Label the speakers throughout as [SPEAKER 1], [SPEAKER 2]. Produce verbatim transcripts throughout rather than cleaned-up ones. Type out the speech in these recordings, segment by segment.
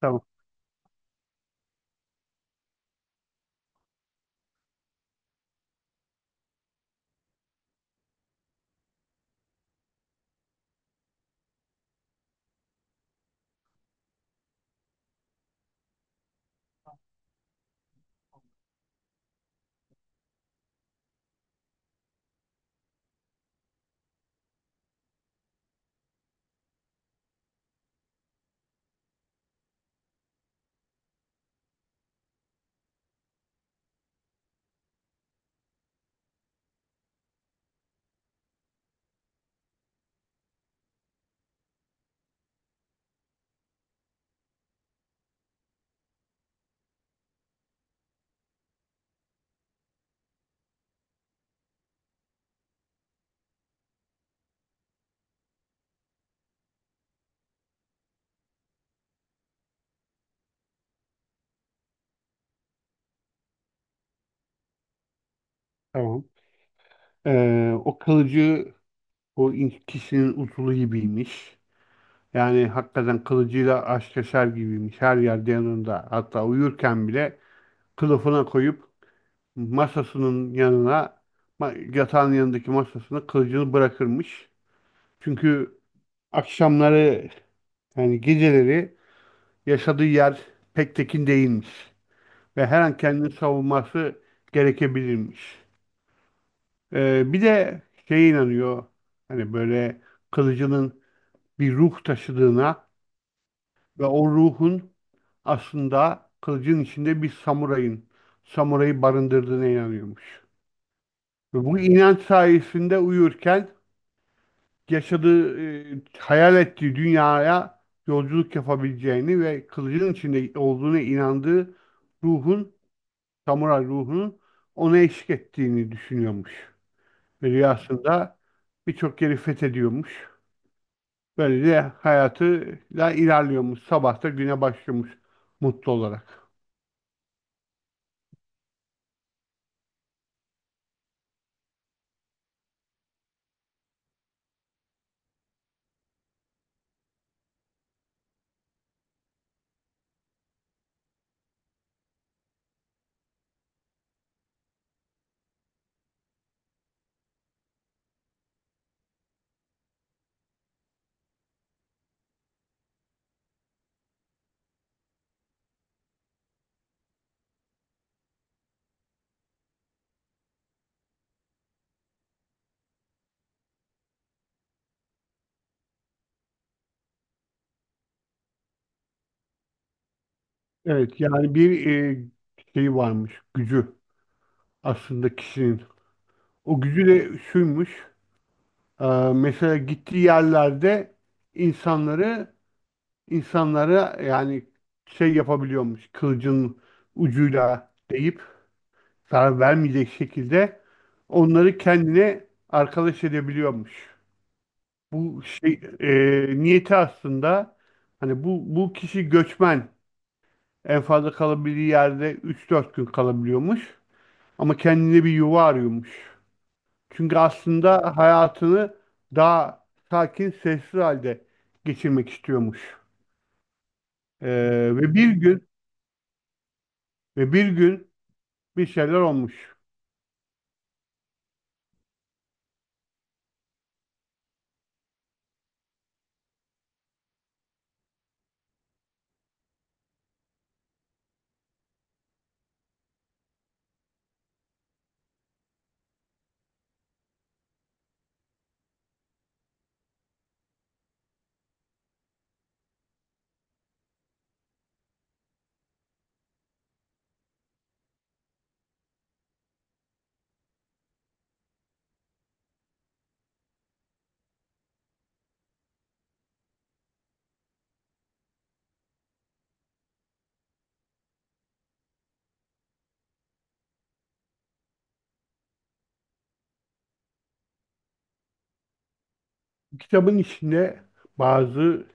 [SPEAKER 1] Tamam, tamam. Ee, o kılıcı o in- kişinin usulü gibiymiş. Yani hakikaten kılıcıyla aşk yaşar gibiymiş. Her yerde yanında. Hatta uyurken bile kılıfına koyup masasının yanına, ma- yatağın yanındaki masasına kılıcını bırakırmış. Çünkü akşamları yani geceleri yaşadığı yer pek tekin değilmiş. Ve her an kendini savunması gerekebilirmiş. Ee, bir de şeye inanıyor. Hani böyle kılıcının bir ruh taşıdığına ve o ruhun aslında kılıcın içinde bir samurayın, samurayı barındırdığına inanıyormuş. Ve bu inanç sayesinde uyurken yaşadığı, e, hayal ettiği dünyaya yolculuk yapabileceğini ve kılıcın içinde olduğuna inandığı ruhun, samuray ruhunun ona eşlik ettiğini düşünüyormuş. Ve rüyasında birçok yeri fethediyormuş. Böylece hayatıyla ilerliyormuş. Sabah da güne başlıyormuş mutlu olarak. Evet, yani bir e, şey varmış gücü aslında kişinin. O gücü de şuymuş. e, Mesela gittiği yerlerde insanları insanlara yani şey yapabiliyormuş. Kılıcın ucuyla deyip zarar vermeyecek şekilde onları kendine arkadaş edebiliyormuş. Bu şey e, niyeti aslında hani bu bu kişi göçmen, en fazla kalabildiği yerde üç dört gün kalabiliyormuş ama kendine bir yuva arıyormuş. Çünkü aslında hayatını daha sakin, sessiz halde geçirmek istiyormuş. E, ve bir gün Ve bir gün bir şeyler olmuş. Kitabın içinde bazı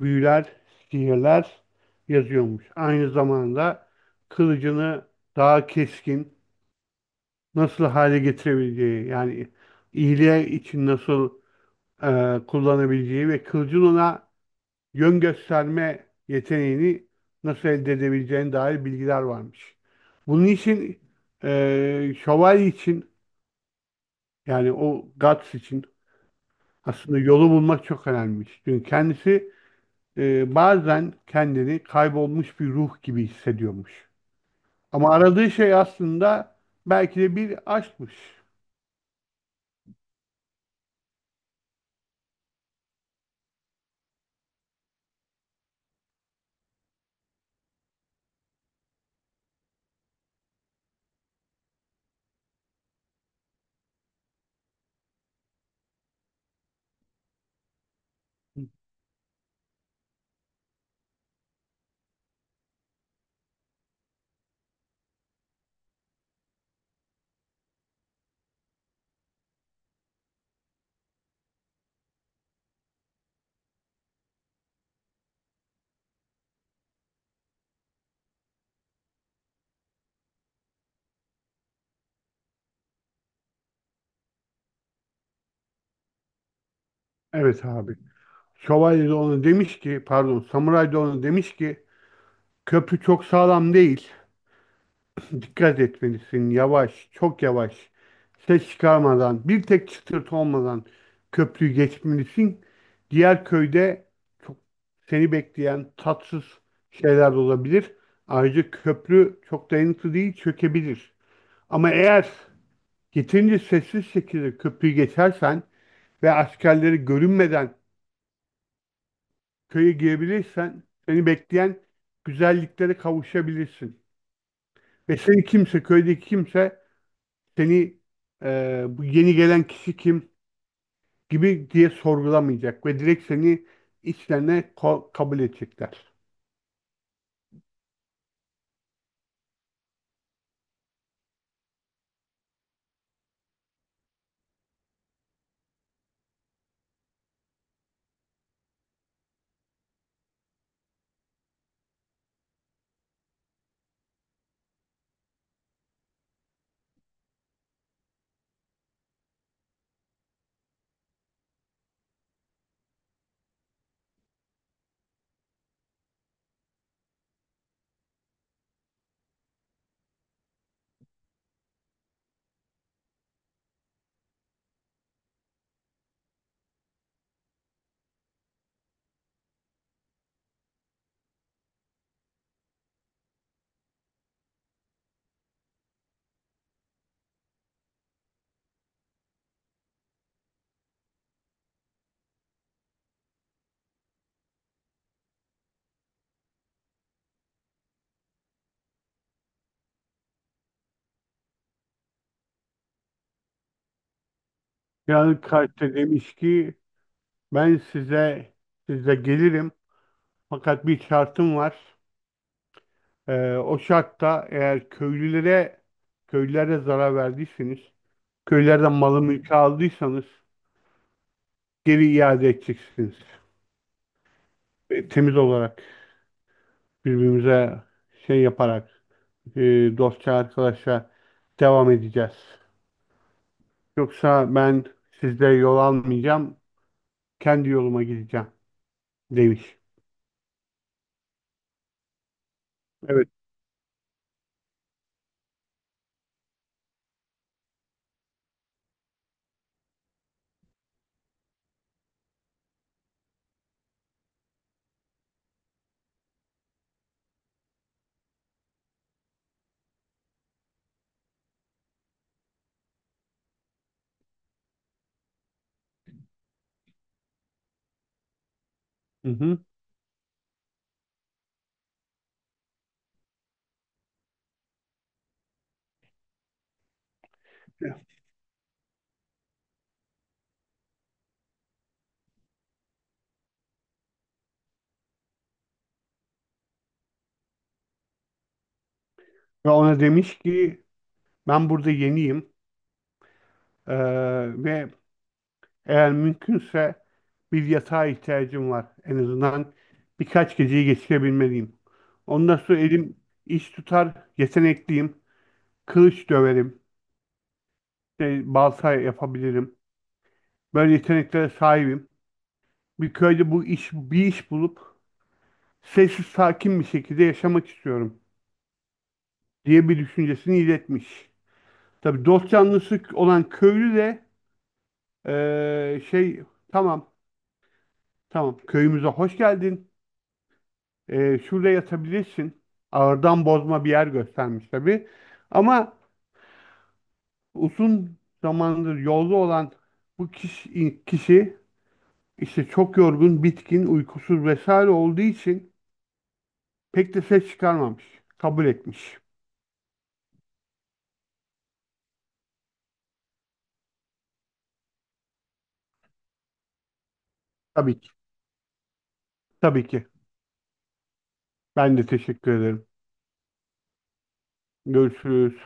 [SPEAKER 1] büyüler, sihirler yazıyormuş. Aynı zamanda kılıcını daha keskin nasıl hale getirebileceği, yani iyiliğe için nasıl e, kullanabileceği ve kılıcın ona yön gösterme yeteneğini nasıl elde edebileceğine dair bilgiler varmış. Bunun için e, şövalye için yani o Guts için aslında yolu bulmak çok önemliymiş. Çünkü kendisi e, bazen kendini kaybolmuş bir ruh gibi hissediyormuş. Ama aradığı şey aslında belki de bir aşkmış. Evet abi. Şövalye de ona demiş ki, pardon, samuray da ona demiş ki köprü çok sağlam değil. Dikkat etmelisin, yavaş, çok yavaş, ses çıkarmadan, bir tek çıtırtı olmadan köprüyü geçmelisin. Diğer köyde çok seni bekleyen tatsız şeyler de olabilir. Ayrıca köprü çok dayanıklı değil, çökebilir. Ama eğer yeterince sessiz şekilde köprüyü geçersen ve askerleri görünmeden köye girebilirsen seni bekleyen güzelliklere kavuşabilirsin. Ve seni kimse, köydeki kimse seni e, bu yeni gelen kişi kim gibi diye sorgulamayacak ve direkt seni içlerine ko- kabul edecekler. Yani kalpte demiş ki ben size size gelirim fakat bir şartım var. Ee, o şartta eğer köylülere köylülere zarar verdiyseniz, köylerden malı mülkü aldıysanız geri iade edeceksiniz. E, temiz olarak birbirimize şey yaparak e, dostça arkadaşa devam edeceğiz. Yoksa ben sizde yol almayacağım, kendi yoluma gideceğim, demiş. Evet. Hı hı. Ve ona demiş ki ben burada yeniyim. Ee, Ve eğer mümkünse bir yatağa ihtiyacım var. En azından birkaç geceyi geçirebilmeliyim. Ondan sonra elim iş tutar, yetenekliyim. Kılıç döverim, işte balta yapabilirim. Böyle yeteneklere sahibim. Bir köyde bu iş, bir iş bulup sessiz sakin bir şekilde yaşamak istiyorum diye bir düşüncesini iletmiş. Tabii dost canlısı olan köylü de ee, şey tamam, tamam, köyümüze hoş geldin. E, şurada yatabilirsin. Ağırdan bozma bir yer göstermiş tabii. Ama uzun zamandır yolda olan bu kişi, kişi işte çok yorgun, bitkin, uykusuz vesaire olduğu için pek de ses çıkarmamış. Kabul etmiş. Tabii ki. Tabii ki. Ben de teşekkür ederim. Görüşürüz.